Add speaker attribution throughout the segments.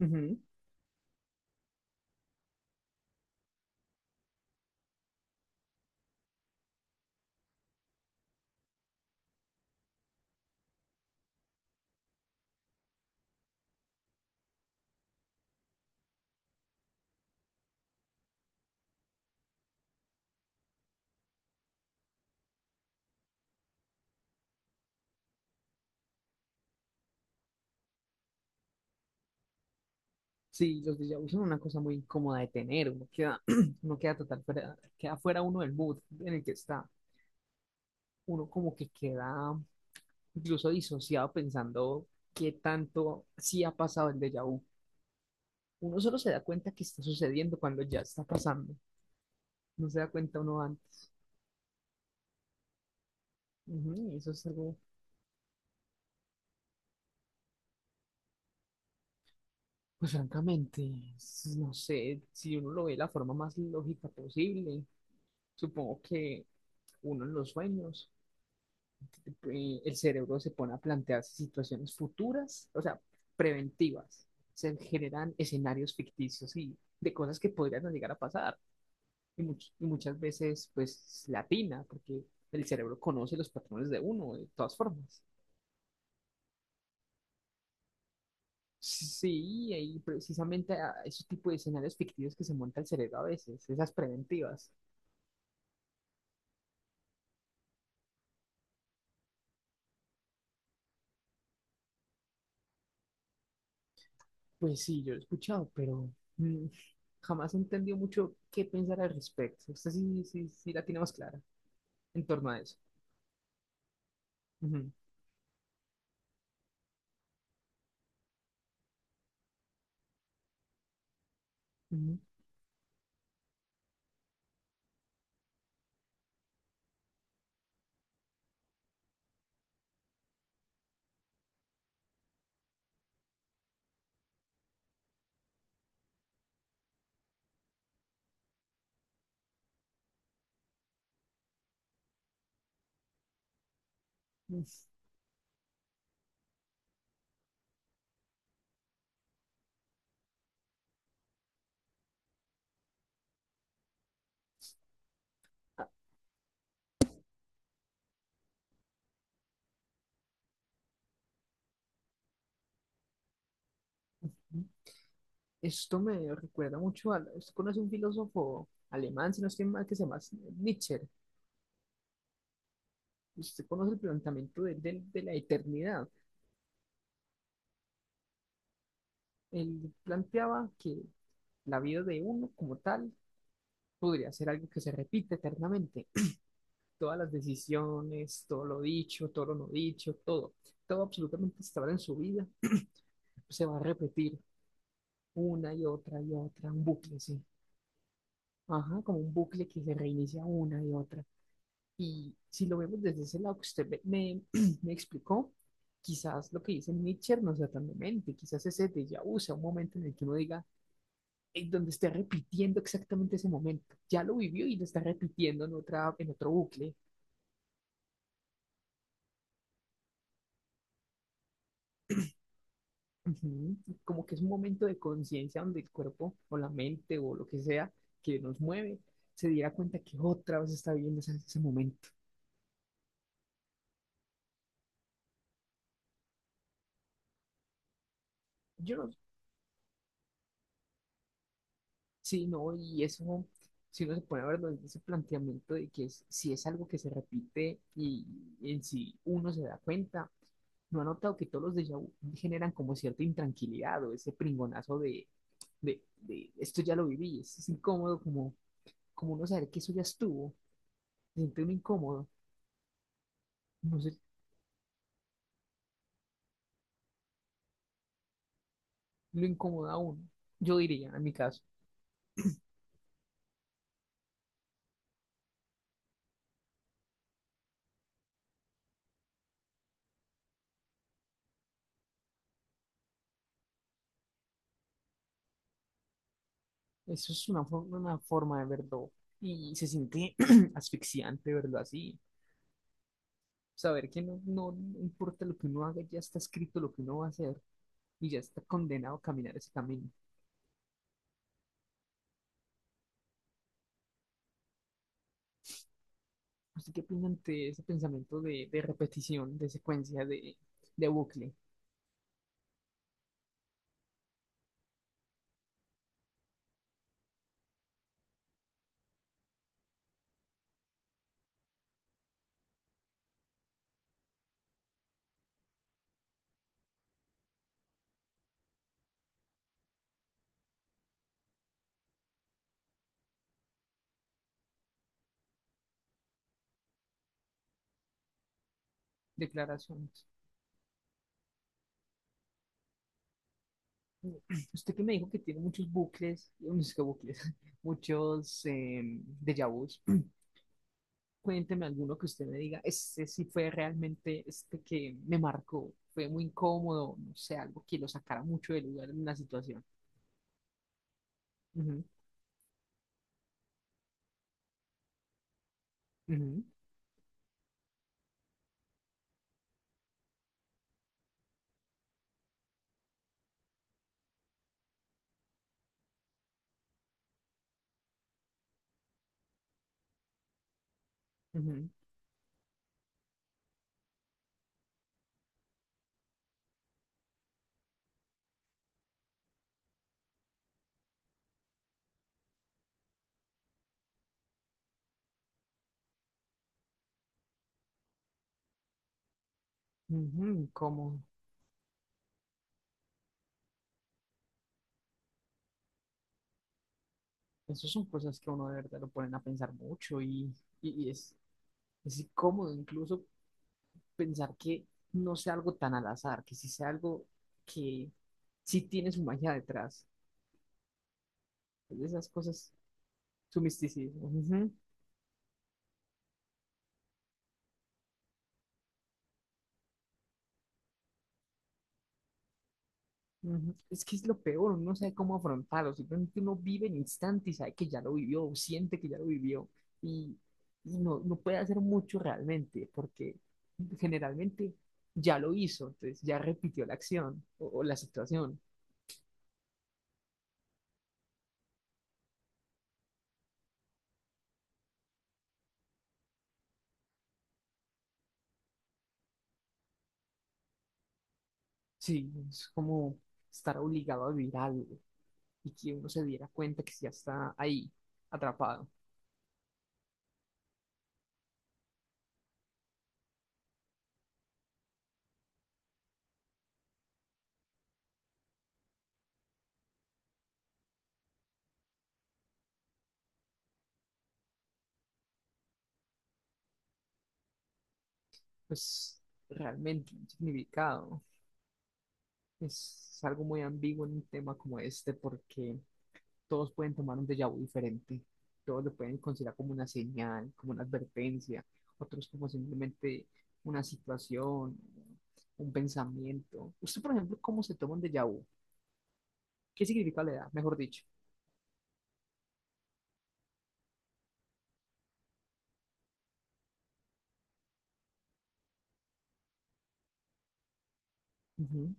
Speaker 1: Ujú. Sí, los déjà vus son una cosa muy incómoda de tener, uno queda total fuera, queda fuera uno del mood en el que está, uno como que queda incluso disociado pensando qué tanto sí ha pasado el déjà vu. Uno solo se da cuenta que está sucediendo cuando ya está pasando, no se da cuenta uno antes. Ujú, y eso es algo, pues francamente, no sé, si uno lo ve de la forma más lógica posible, supongo que uno en los sueños. El cerebro se pone a plantearse situaciones futuras, o sea, preventivas. Se generan escenarios ficticios y de cosas que podrían no llegar a pasar. Y muchas veces, pues, latina, porque el cerebro conoce los patrones de uno, de todas formas. Sí, y precisamente a esos tipos de escenarios ficticios que se monta el cerebro a veces, esas preventivas. Pues sí, yo lo he escuchado, pero mm, jamás he entendido mucho qué pensar al respecto. Usted sí, sí, sí la tiene más clara en torno a eso. Ujú, ujú. Es- ah, Esto me recuerda mucho a... ¿Usted conoce un filósofo alemán, si no estoy mal, que se llama Nietzsche? Usted conoce el planteamiento de la eternidad. Él planteaba que la vida de uno como tal podría ser algo que se repite eternamente. Todas las decisiones, todo lo dicho, todo lo no dicho, todo, todo absolutamente hasta ahora en su vida se va a repetir una y otra, un bucle, sí. Ajá, como un bucle que se reinicia una y otra. Y si lo vemos desde ese lado que usted me explicó, quizás lo que dice Nietzsche no sea tan demente, quizás ese déjà vu sea un momento en el que uno diga, "Ey, donde esté repitiendo exactamente ese momento, ya lo vivió y lo está repitiendo en otra, en otro bucle". Ujú. Como que es un momento de conciencia donde el cuerpo o la mente o lo que sea que nos mueve se diera cuenta que otra vez está viviendo ese momento. Yo no, sí, no, y eso, si uno se pone a verlo desde ese planteamiento de que es- si es algo que se repite y en sí uno se da cuenta, no ha notado que todos los déjà vu generan como cierta intranquilidad o ese pringonazo de esto ya lo viví, es incómodo como, como uno saber que eso ya estuvo, se siente uno incómodo, no sé, lo incomoda a uno, yo diría en mi caso, eso es una, una forma de verlo y se siente asfixiante verlo así. Saber que no importa lo que uno haga, ya está escrito lo que uno va a hacer y ya está condenado a caminar ese camino. ¿Usted qué opina ante ese pensamiento de repetición, de secuencia, de bucle, declaraciones? Usted que me dijo que tiene muchos bucles, no sé qué bucles, muchos déjà vus. Cuénteme alguno que usted me diga, ese sí fue realmente este que me marcó, fue muy incómodo, no sé, algo que lo sacara mucho del lugar en una situación. Ujú, ujú, ujú. Ujú, como esas son cosas que a uno de verdad lo ponen a pensar mucho y es incómodo incluso pensar que no sea algo tan al azar, que sí sea algo que sí tiene su magia detrás. Es de esas cosas, su misticismo. Ujú. Ujú. Es que es lo peor, uno no sabe cómo afrontarlo, simplemente uno vive el instante y sabe que ya lo vivió, o siente que ya lo vivió, y, y no, no puede hacer mucho realmente, porque generalmente ya lo hizo, entonces ya repitió la acción o la situación. Sí, es como estar obligado a vivir algo y que uno se diera cuenta que ya está ahí, atrapado. Pues realmente un significado. Es algo muy ambiguo en un tema como este, porque todos pueden tomar un déjà vu diferente, todos lo pueden considerar como una señal, como una advertencia, otros como simplemente una situación, un pensamiento. Usted, por ejemplo, ¿cómo se toma un déjà vu? ¿Qué significa la edad, mejor dicho? Ujú.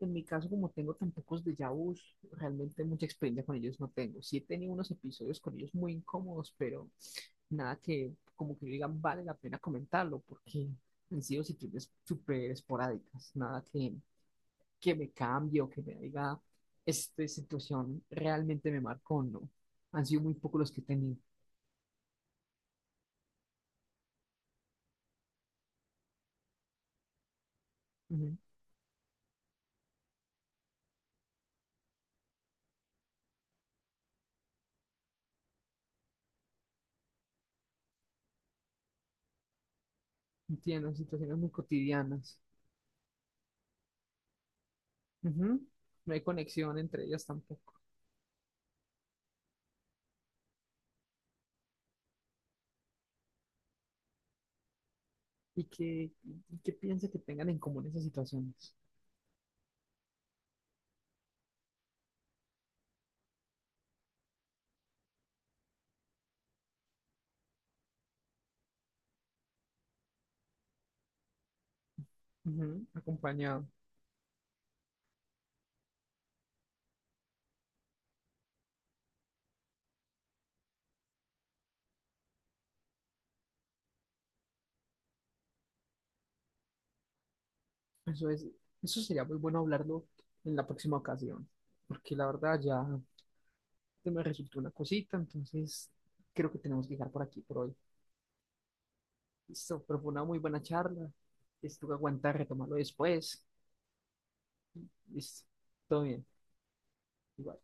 Speaker 1: En mi caso, como tengo tan pocos déjà vus, realmente mucha experiencia con ellos no tengo. Sí he tenido unos episodios con ellos muy incómodos, pero nada que como que digan vale la pena comentarlo, porque han sido situaciones súper esporádicas, nada que me cambie o que me diga, esta situación realmente me marcó, no. Han sido muy pocos los que he tenido. Ujú. Entiendo, situaciones muy cotidianas. Ujú. No hay conexión entre ellas tampoco. ¿Y qué, y qué piensa que tengan en común esas situaciones? Ujú. Acompañado. Eso es, eso sería muy bueno hablarlo en la próxima ocasión, porque la verdad ya me resultó una cosita, entonces creo que tenemos que dejar por aquí por hoy. Listo, pero fue una muy buena charla. Listo, que aguantar, retomarlo después. Listo, todo bien. Igual.